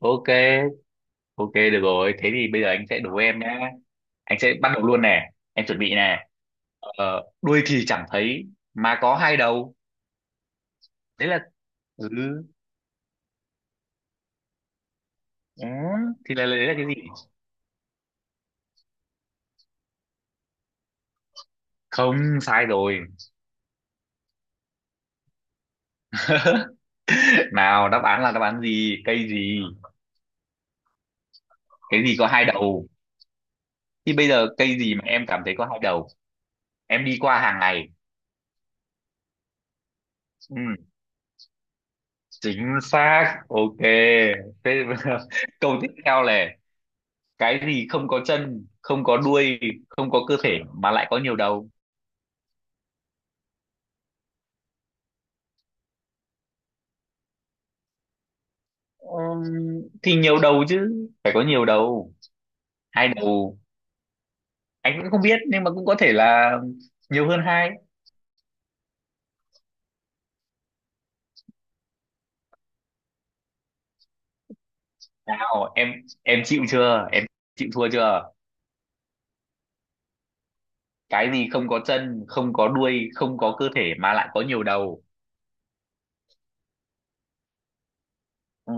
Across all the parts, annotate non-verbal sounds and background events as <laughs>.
OK OK, được rồi, thế thì bây giờ anh sẽ đố em nhá. Anh sẽ bắt đầu luôn nè, em chuẩn bị nè. Đuôi thì chẳng thấy mà có hai đầu. Đấy là. Ừ, ừ. Thì là đấy là cái gì? Không, sai rồi. <laughs> Nào, đáp án gì? Cây gì? Cái gì có hai đầu? Thì bây giờ cây gì mà em cảm thấy có hai đầu, em đi qua hàng ngày? Ừ, chính xác, OK. Thế. <laughs> Câu tiếp theo này. Cái gì không có chân, không có đuôi, không có cơ thể mà lại có nhiều đầu? Ừm, thì nhiều đầu chứ phải có nhiều đầu. Hai đầu. Anh cũng không biết nhưng mà cũng có thể là nhiều hơn hai. Nào em chịu chưa em? Chịu thua chưa? Cái gì không có chân, không có đuôi, không có cơ thể mà lại có nhiều đầu? Ừ.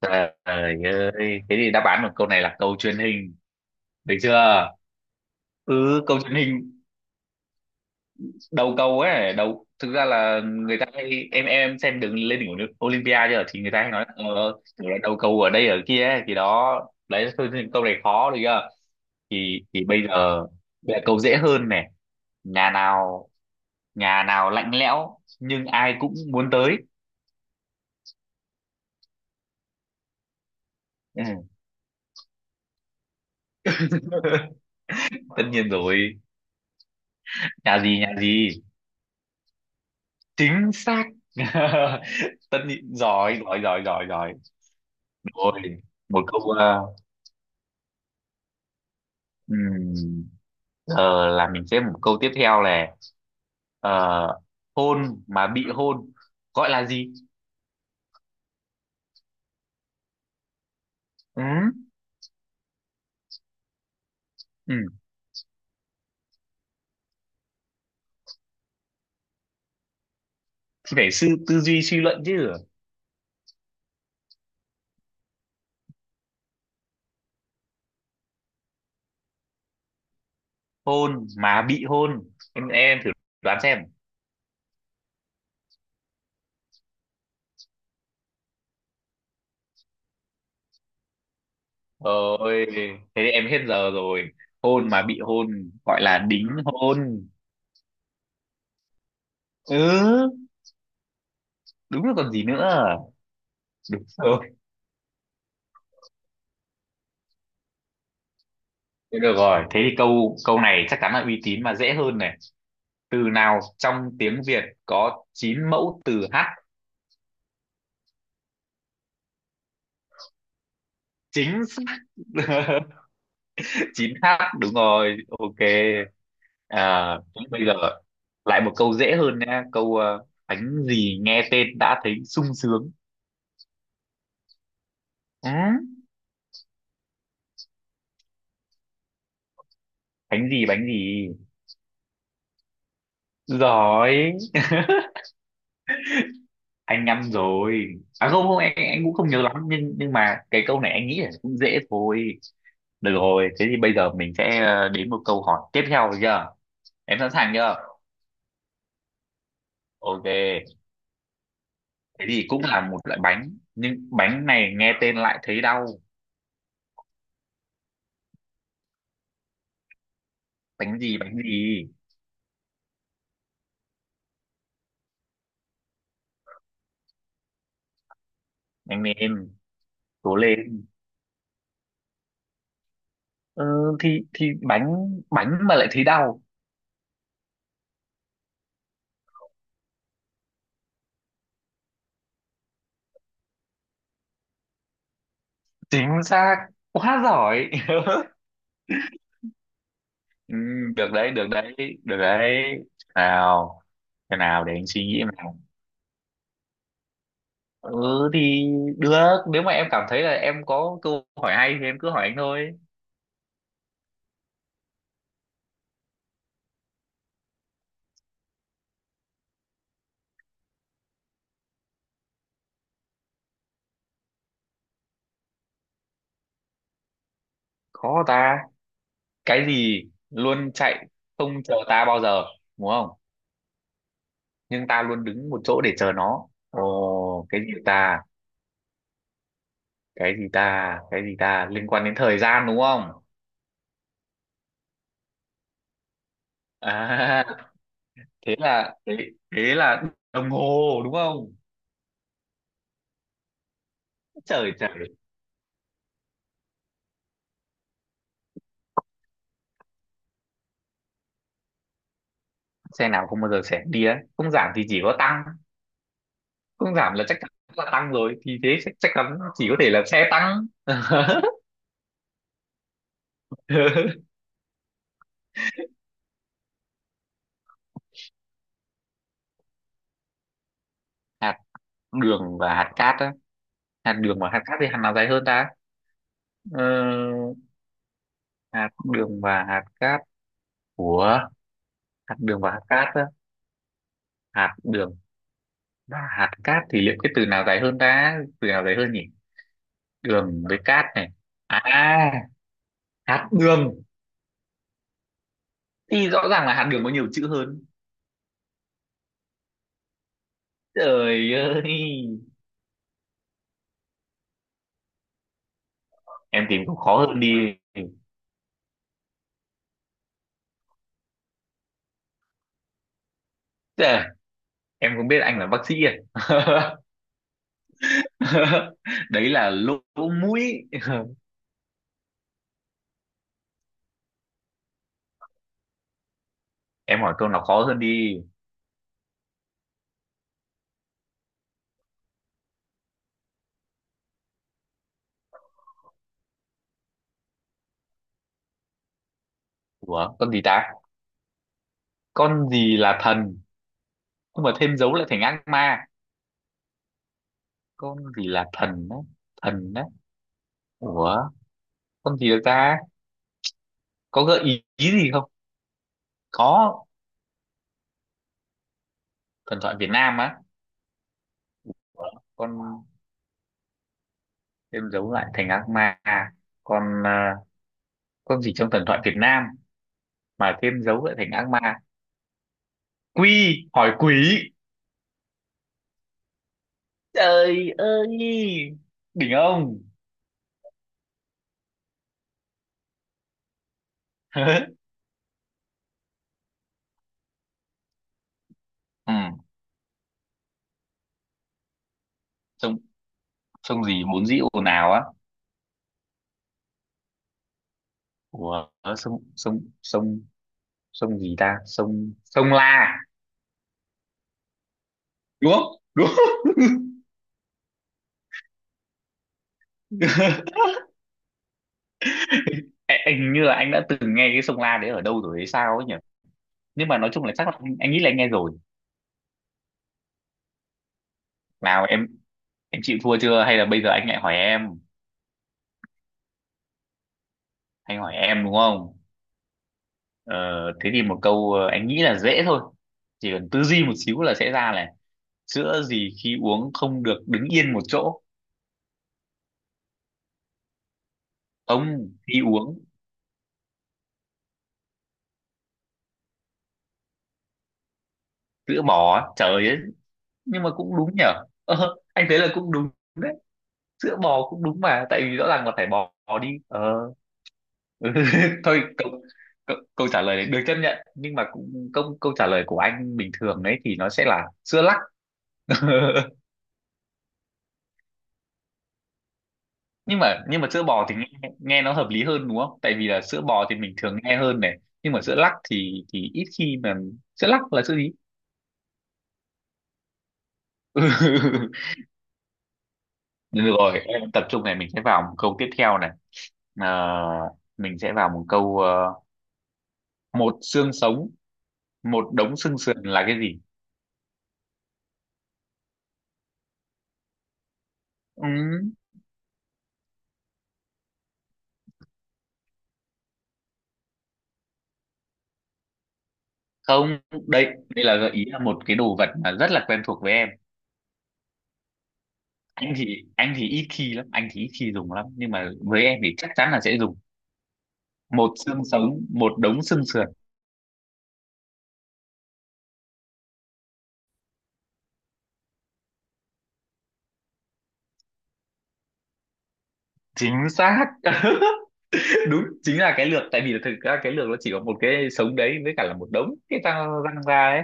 Trời ơi, thế thì đáp án của câu này là cầu truyền hình. Được chưa? Ừ, câu truyền hình, đầu cầu ấy, đầu thực ra là người ta hay em xem đường lên đỉnh Olympia chưa thì người ta hay nói kiểu là đầu cầu ở đây ở kia ấy, thì đó đấy. Thôi thì câu này khó, được chưa? Thì bây giờ câu dễ hơn này. Nhà nào, nhà nào lạnh lẽo nhưng ai cũng muốn tới? Ừ. <laughs> Tất nhiên rồi. Nhà gì? Nhà gì? Chính xác. <laughs> Tất nhiên, giỏi giỏi giỏi giỏi giỏi. Rồi, một câu. Ờ, ừm, giờ là mình sẽ một câu tiếp theo này. Ờ, hôn mà bị hôn gọi là gì? Ừ, ừ. Thì phải sư tư duy suy luận chứ. Hôn mà bị hôn, em thử đoán xem. Ôi, thế thì em hết giờ rồi. Hôn mà bị hôn gọi là đính hôn. Ừ, đúng rồi, còn gì nữa. Đúng rồi. Thế được rồi, thế thì câu câu này chắc chắn là uy tín mà dễ hơn này. Từ nào trong tiếng Việt có 9 mẫu từ hát? Chính xác. <laughs> 9 hát đúng rồi, OK. À, thế bây giờ lại một câu dễ hơn nha, câu bánh gì nghe tên đã thấy sung sướng? Ừ? Bánh gì? Bánh gì? Giỏi. Anh ăn rồi. À không không, anh cũng không nhớ lắm nhưng mà cái câu này anh nghĩ là cũng dễ thôi. Được rồi, thế thì bây giờ mình sẽ đến một câu hỏi tiếp theo, được chưa? Em sẵn sàng chưa? OK. Thế thì cũng là một loại bánh nhưng bánh này nghe tên lại thấy đau. Bánh gì? Bánh gì? Anh em, cố lên. Ờ, thì bánh, bánh mà lại thấy đau. Chính xác, quá giỏi. <laughs> Ừ, được đấy, được đấy, được đấy. Nào, cái nào để anh suy nghĩ nào. Ừ thì được, nếu mà em cảm thấy là em có câu hỏi hay thì em cứ hỏi anh thôi. Khó ta. Cái gì luôn chạy không chờ ta bao giờ, đúng không? Nhưng ta luôn đứng một chỗ để chờ nó, ồ, cái gì ta, cái gì ta, cái gì ta liên quan đến thời gian, đúng không? À, thế là thế, thế là đồng hồ, đúng không? Trời, trời. Xe nào không bao giờ sẽ đi đấy, không giảm thì chỉ có tăng. Không giảm là chắc chắn là tăng rồi, thì thế chắc chắn chỉ có thể là xe tăng. <laughs> Hạt đường và hạt cát á? Hạt đường và hạt cát thì hạt nào dài hơn ta? Ờ, hạt đường và hạt cát của hạt đường và hạt cát á? Hạt đường và hạt cát thì liệu cái từ nào dài hơn ta, từ nào dài hơn nhỉ? Đường với cát này. À, hạt đường. Thì rõ ràng là hạt đường có nhiều chữ hơn. Trời ơi. Em tìm cũng khó hơn đi. Trời, em không biết anh là bác sĩ à? <laughs> Đấy là lỗ mũi. Em hỏi câu nào khó hơn đi. Ủa, con gì ta? Con gì là thần nhưng mà thêm dấu lại thành ác ma? Con gì là thần đấy? Thần đấy. Ủa, con gì được ta? Có gợi ý gì không? Có, thần thoại Việt Nam á? Ủa, con thêm dấu lại thành ác ma, con à, con gì trong thần thoại Việt Nam mà thêm dấu lại thành ác ma? Quy hỏi quỷ. Trời ơi, đỉnh ông. <laughs> Ừ, sông sông gì vốn dĩ ồn ào á? Ủa, sông sông sông sông gì ta? Sông sông La, đúng không? Đúng không? <laughs> Ê, anh hình như là anh đã từng nghe cái sông La đấy ở đâu rồi hay sao ấy nhỉ, nhưng mà nói chung là chắc là anh nghĩ là anh nghe rồi. Nào em chịu thua chưa hay là bây giờ anh lại hỏi em? Anh hỏi em, đúng không? Ờ, thế thì một câu, anh nghĩ là dễ thôi, chỉ cần tư duy một xíu là sẽ ra này. Sữa gì khi uống không được đứng yên một chỗ? Ông, khi uống. Sữa bò á, trời ấy. Nhưng mà cũng đúng nhở. Anh thấy là cũng đúng. Đấy, sữa bò cũng đúng mà tại vì rõ ràng là phải bò, bò đi <laughs> Thôi câu, câu trả lời này được chấp nhận nhưng mà cũng câu câu trả lời của anh bình thường đấy thì nó sẽ là sữa lắc. <laughs> Nhưng mà sữa bò thì nghe nó hợp lý hơn đúng không, tại vì là sữa bò thì mình thường nghe hơn này. Nhưng mà sữa lắc thì ít khi mà, sữa lắc là sữa gì? <laughs> Ừ, được rồi, em tập trung này, mình sẽ vào một câu tiếp theo này. Ờ, mình sẽ vào một câu, một xương sống một đống xương sườn là cái gì? Ừ, không, đây đây là gợi ý là một cái đồ vật mà rất là quen thuộc với em. Anh thì ít khi lắm, anh thì ít khi dùng lắm nhưng mà với em thì chắc chắn là sẽ dùng. Một xương sống một đống xương sườn. Chính xác. <laughs> Đúng, chính là cái lược tại vì thực ra cái lược nó chỉ có một cái sống đấy với cả là một đống cái răng răng ra ấy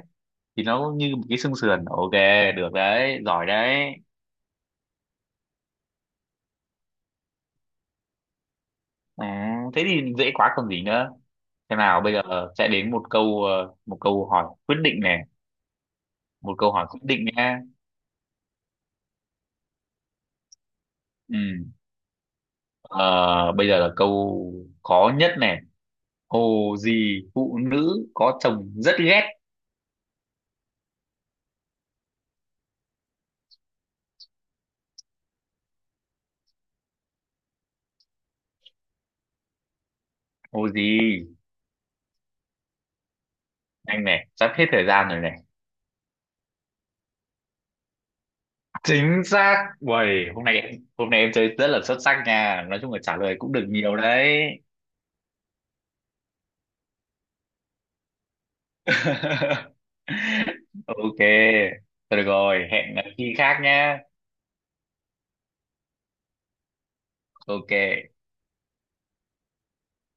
thì nó như một cái xương sườn, OK, được đấy, giỏi đấy. Ừ, thế thì dễ quá, còn gì nữa. Thế nào bây giờ sẽ đến một câu, một câu hỏi quyết định này, một câu hỏi quyết định nha. Ừ. ờ, bây giờ là câu khó nhất này. Hồ gì phụ nữ có chồng rất ghét? Hồ gì? Anh này sắp hết thời gian rồi này. Chính xác, uầy, hôm nay em chơi rất là xuất sắc nha, nói chung là trả lời cũng được nhiều đấy. <laughs> OK, thôi được rồi, hẹn khi khác nhá. OK.